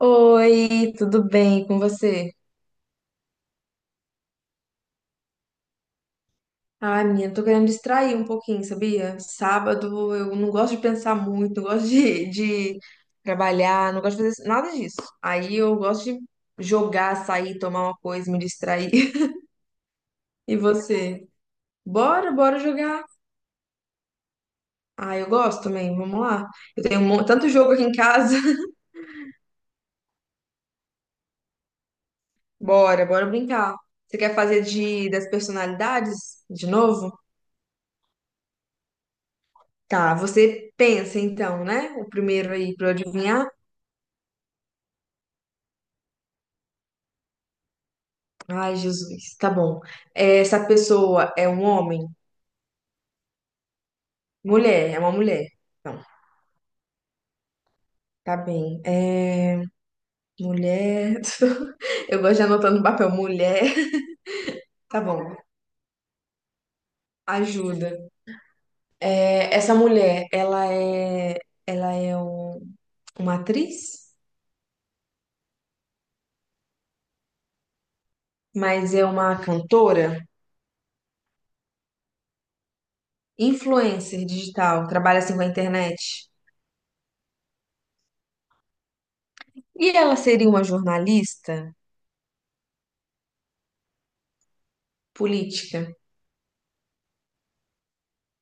Oi, tudo bem com você? Ai, menina, tô querendo distrair um pouquinho, sabia? Sábado eu não gosto de pensar muito, não gosto de trabalhar, não gosto de fazer nada disso. Aí eu gosto de jogar, sair, tomar uma coisa, me distrair. E você? Bora jogar. Ah, eu gosto também, vamos lá. Eu tenho um tanto jogo aqui em casa. Bora brincar. Você quer fazer de das personalidades de novo? Tá, você pensa então, né? O primeiro aí pra eu adivinhar. Ai, Jesus, tá bom. Essa pessoa é um homem? Mulher, é uma mulher. Não, tá bem. Mulher. Eu gosto de anotar no papel mulher. Tá bom, ajuda. É, essa mulher, ela é uma atriz, mas é uma cantora, influencer digital, trabalha assim com a internet. E ela seria uma jornalista política?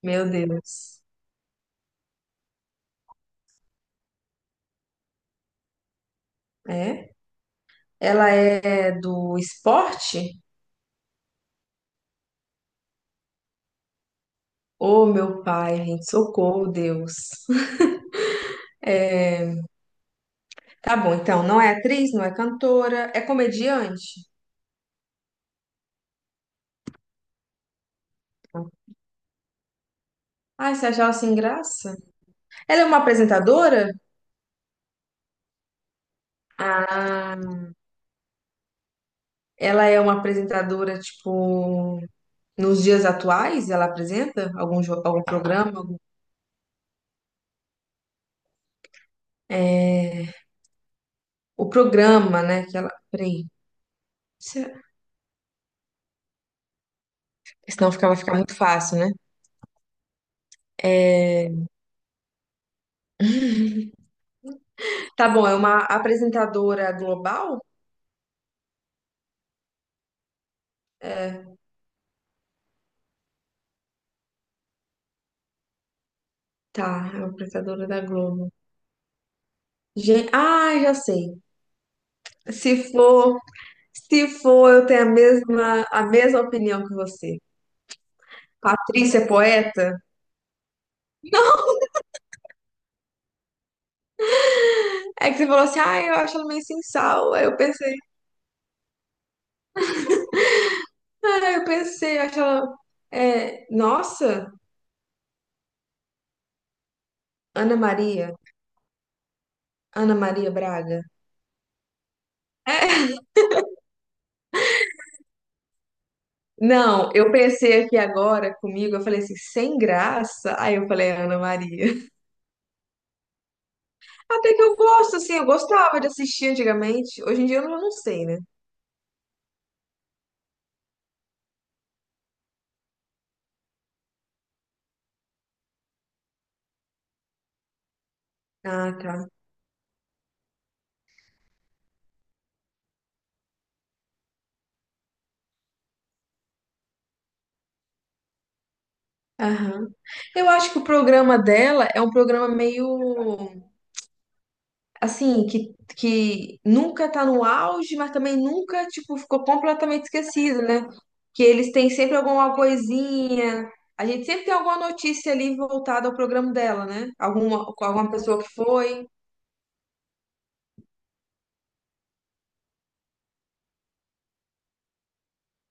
Meu Deus. É? Ela é do esporte? Ô, meu pai, gente, socorro, Deus. É, Tá bom, então, não é atriz, não é cantora, é comediante? Ai, você achava sem graça? Ela é uma apresentadora? Ah, ela é uma apresentadora, tipo, nos dias atuais, ela apresenta algum, algum programa? É, o programa, né, que ela... Peraí, se- vai ficar muito fácil, né? É, tá bom, é uma apresentadora global? Tá, é uma apresentadora da Globo. Gente, ah, já sei. Se for, se for, eu tenho a mesma opinião que você. Patrícia é poeta? Não, é que você falou assim, ah, eu acho ela meio sem sal. Aí eu pensei, eu acho ela. É, nossa, Ana Maria, Ana Maria Braga. É. Não, eu pensei aqui agora comigo, eu falei assim, sem graça. Aí eu falei, Ana Maria. Até que eu gosto, assim, eu gostava de assistir antigamente. Hoje em dia eu não sei, né? Ah, tá. Aham. Eu acho que o programa dela é um programa meio assim, que nunca tá no auge, mas também nunca, tipo, ficou completamente esquecido, né? Que eles têm sempre alguma coisinha. A gente sempre tem alguma notícia ali voltada ao programa dela, né? Alguma, com alguma pessoa que foi.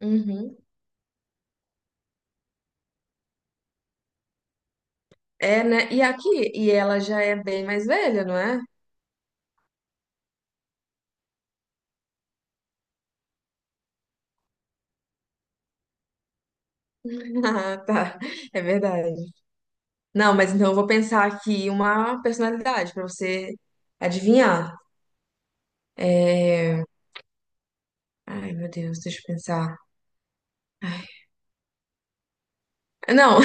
Uhum. É, né? E aqui, e ela já é bem mais velha, não é? Ah, tá. É verdade. Não, mas então eu vou pensar aqui uma personalidade pra você adivinhar. É... meu Deus, deixa eu pensar. Ai, Não,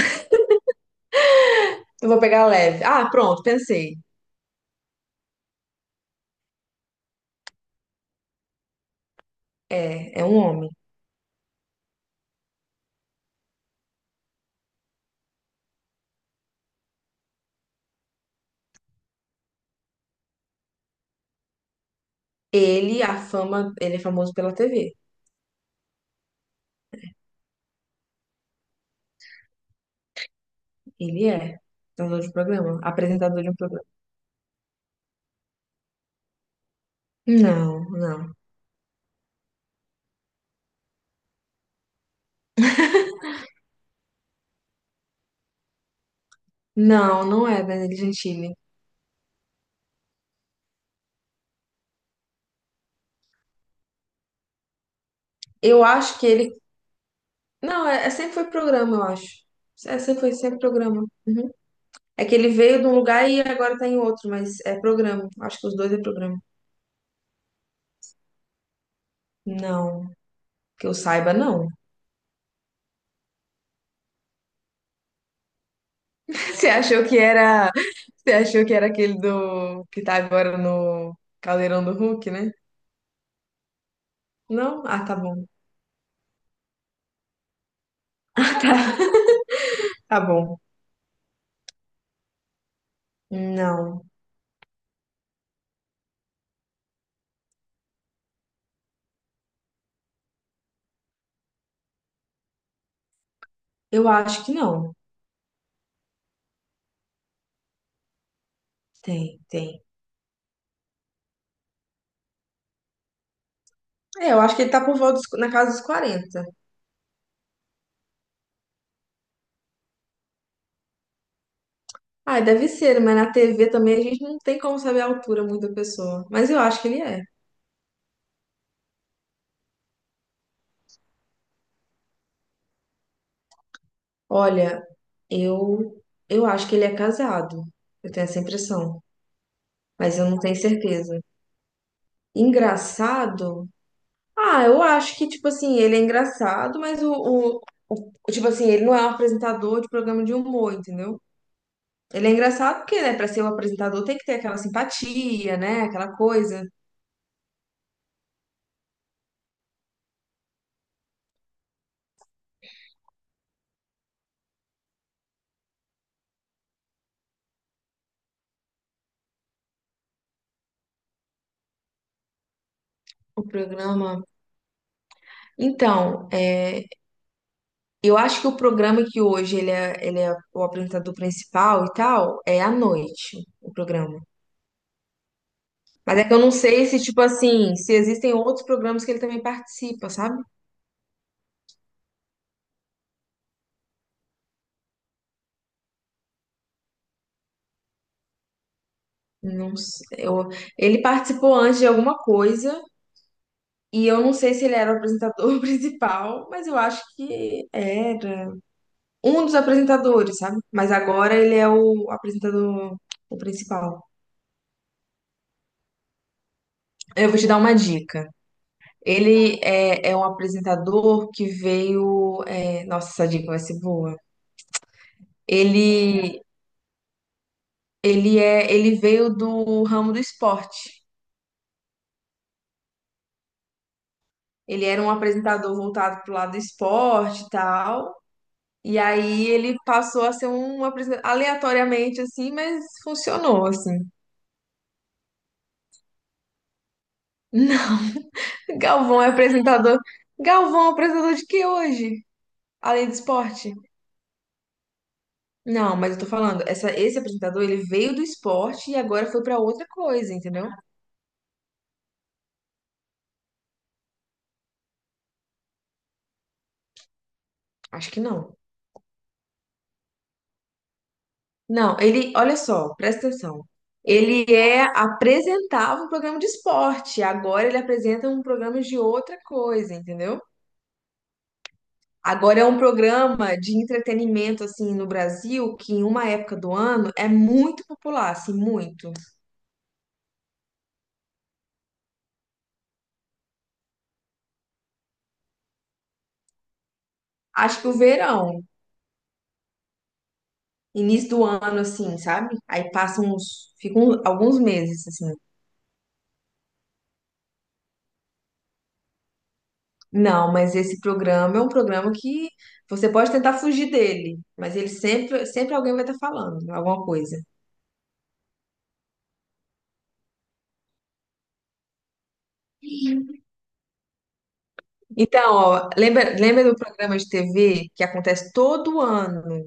eu vou pegar leve. Ah, pronto, pensei. É, é um homem. A fama, ele é famoso pela TV. Ele é apresentador de um programa, apresentador de um programa. Não, não. Não, não é Danilo Gentili. Eu acho que ele. Não, sempre foi programa, eu acho. Sempre programa. Uhum. É que ele veio de um lugar e agora tá em outro, mas é programa. Acho que os dois é programa. Não, que eu saiba, não. Você achou que era, você achou que era aquele do que tá agora no Caldeirão do Hulk, né? Não? Ah, tá bom. Tá bom. Não. Eu acho que não. Tem. É, eu acho que ele tá na casa dos 40. Ah, deve ser, mas na TV também a gente não tem como saber a altura muito da pessoa. Mas eu acho que ele é. Olha, eu eu acho que ele é casado. Eu tenho essa impressão. Mas eu não tenho certeza. Engraçado? Ah, eu acho que, tipo assim, ele é engraçado, mas tipo assim, ele não é um apresentador de programa de humor, entendeu? Ele é engraçado porque, né, pra ser um apresentador tem que ter aquela simpatia, né, aquela coisa. O programa. Então, é, eu acho que o programa que hoje ele é o apresentador principal e tal, é à noite, o programa. Mas é que eu não sei se, tipo assim, se existem outros programas que ele também participa, sabe? Não sei, ele participou antes de alguma coisa e eu não sei se ele era o apresentador principal, mas eu acho que era um dos apresentadores, sabe? Mas agora ele é o apresentador o principal. Eu vou te dar uma dica. Ele é, é um apresentador que veio. Nossa, essa dica vai ser boa. Ele, ele veio do ramo do esporte. Ele era um apresentador voltado pro lado do esporte e tal. E aí ele passou a ser um apresentador aleatoriamente assim, mas funcionou assim. Não, Galvão é apresentador. Galvão é um apresentador de que hoje? Além do esporte? Não, mas eu tô falando, essa, esse apresentador, ele veio do esporte e agora foi pra outra coisa, entendeu? Acho que não. Não, ele, olha só, presta atenção. Ele é apresentava um programa de esporte, agora ele apresenta um programa de outra coisa, entendeu? Agora é um programa de entretenimento assim no Brasil que em uma época do ano é muito popular, assim, muito. Acho que o verão, início do ano assim, sabe? Aí passam uns, ficam alguns meses assim. Não, mas esse programa é um programa que você pode tentar fugir dele, mas ele sempre alguém vai estar falando alguma coisa. Então, ó, lembra do programa de TV que acontece todo ano,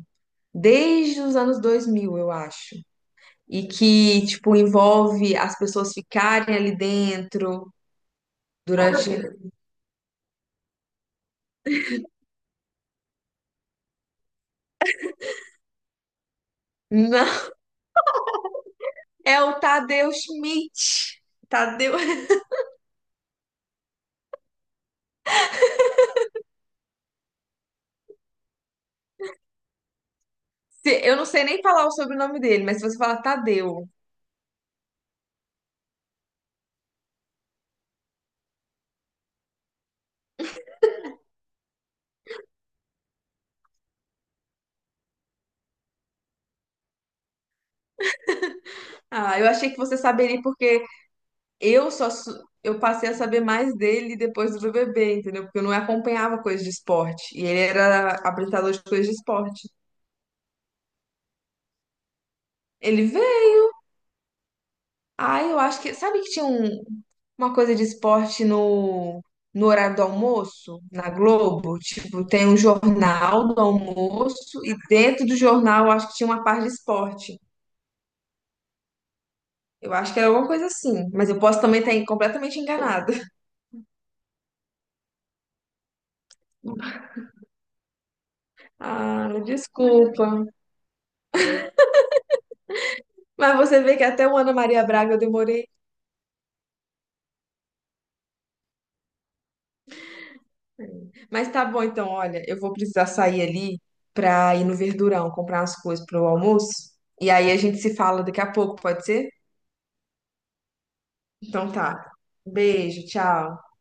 desde os anos 2000, eu acho. E que, tipo, envolve as pessoas ficarem ali dentro durante. Não, é o Tadeu Schmidt. Tadeu. Eu não sei nem falar o sobrenome dele, mas se você falar Tadeu. Ah, eu achei que você saberia porque eu passei a saber mais dele depois do bebê, entendeu? Porque eu não acompanhava coisas de esporte e ele era apresentador de coisas de esporte. Ele Ah, eu acho que. Sabe que tinha uma coisa de esporte no horário do almoço, na Globo? Tipo, tem um jornal do almoço e dentro do jornal eu acho que tinha uma parte de esporte. Eu acho que era alguma coisa assim, mas eu posso também estar completamente enganada. Ah, desculpa. Mas você vê que até o Ana Maria Braga eu demorei. Mas tá bom, então, olha, eu vou precisar sair ali pra ir no Verdurão comprar umas coisas pro almoço. E aí a gente se fala daqui a pouco, pode ser? Então tá. Beijo, tchau.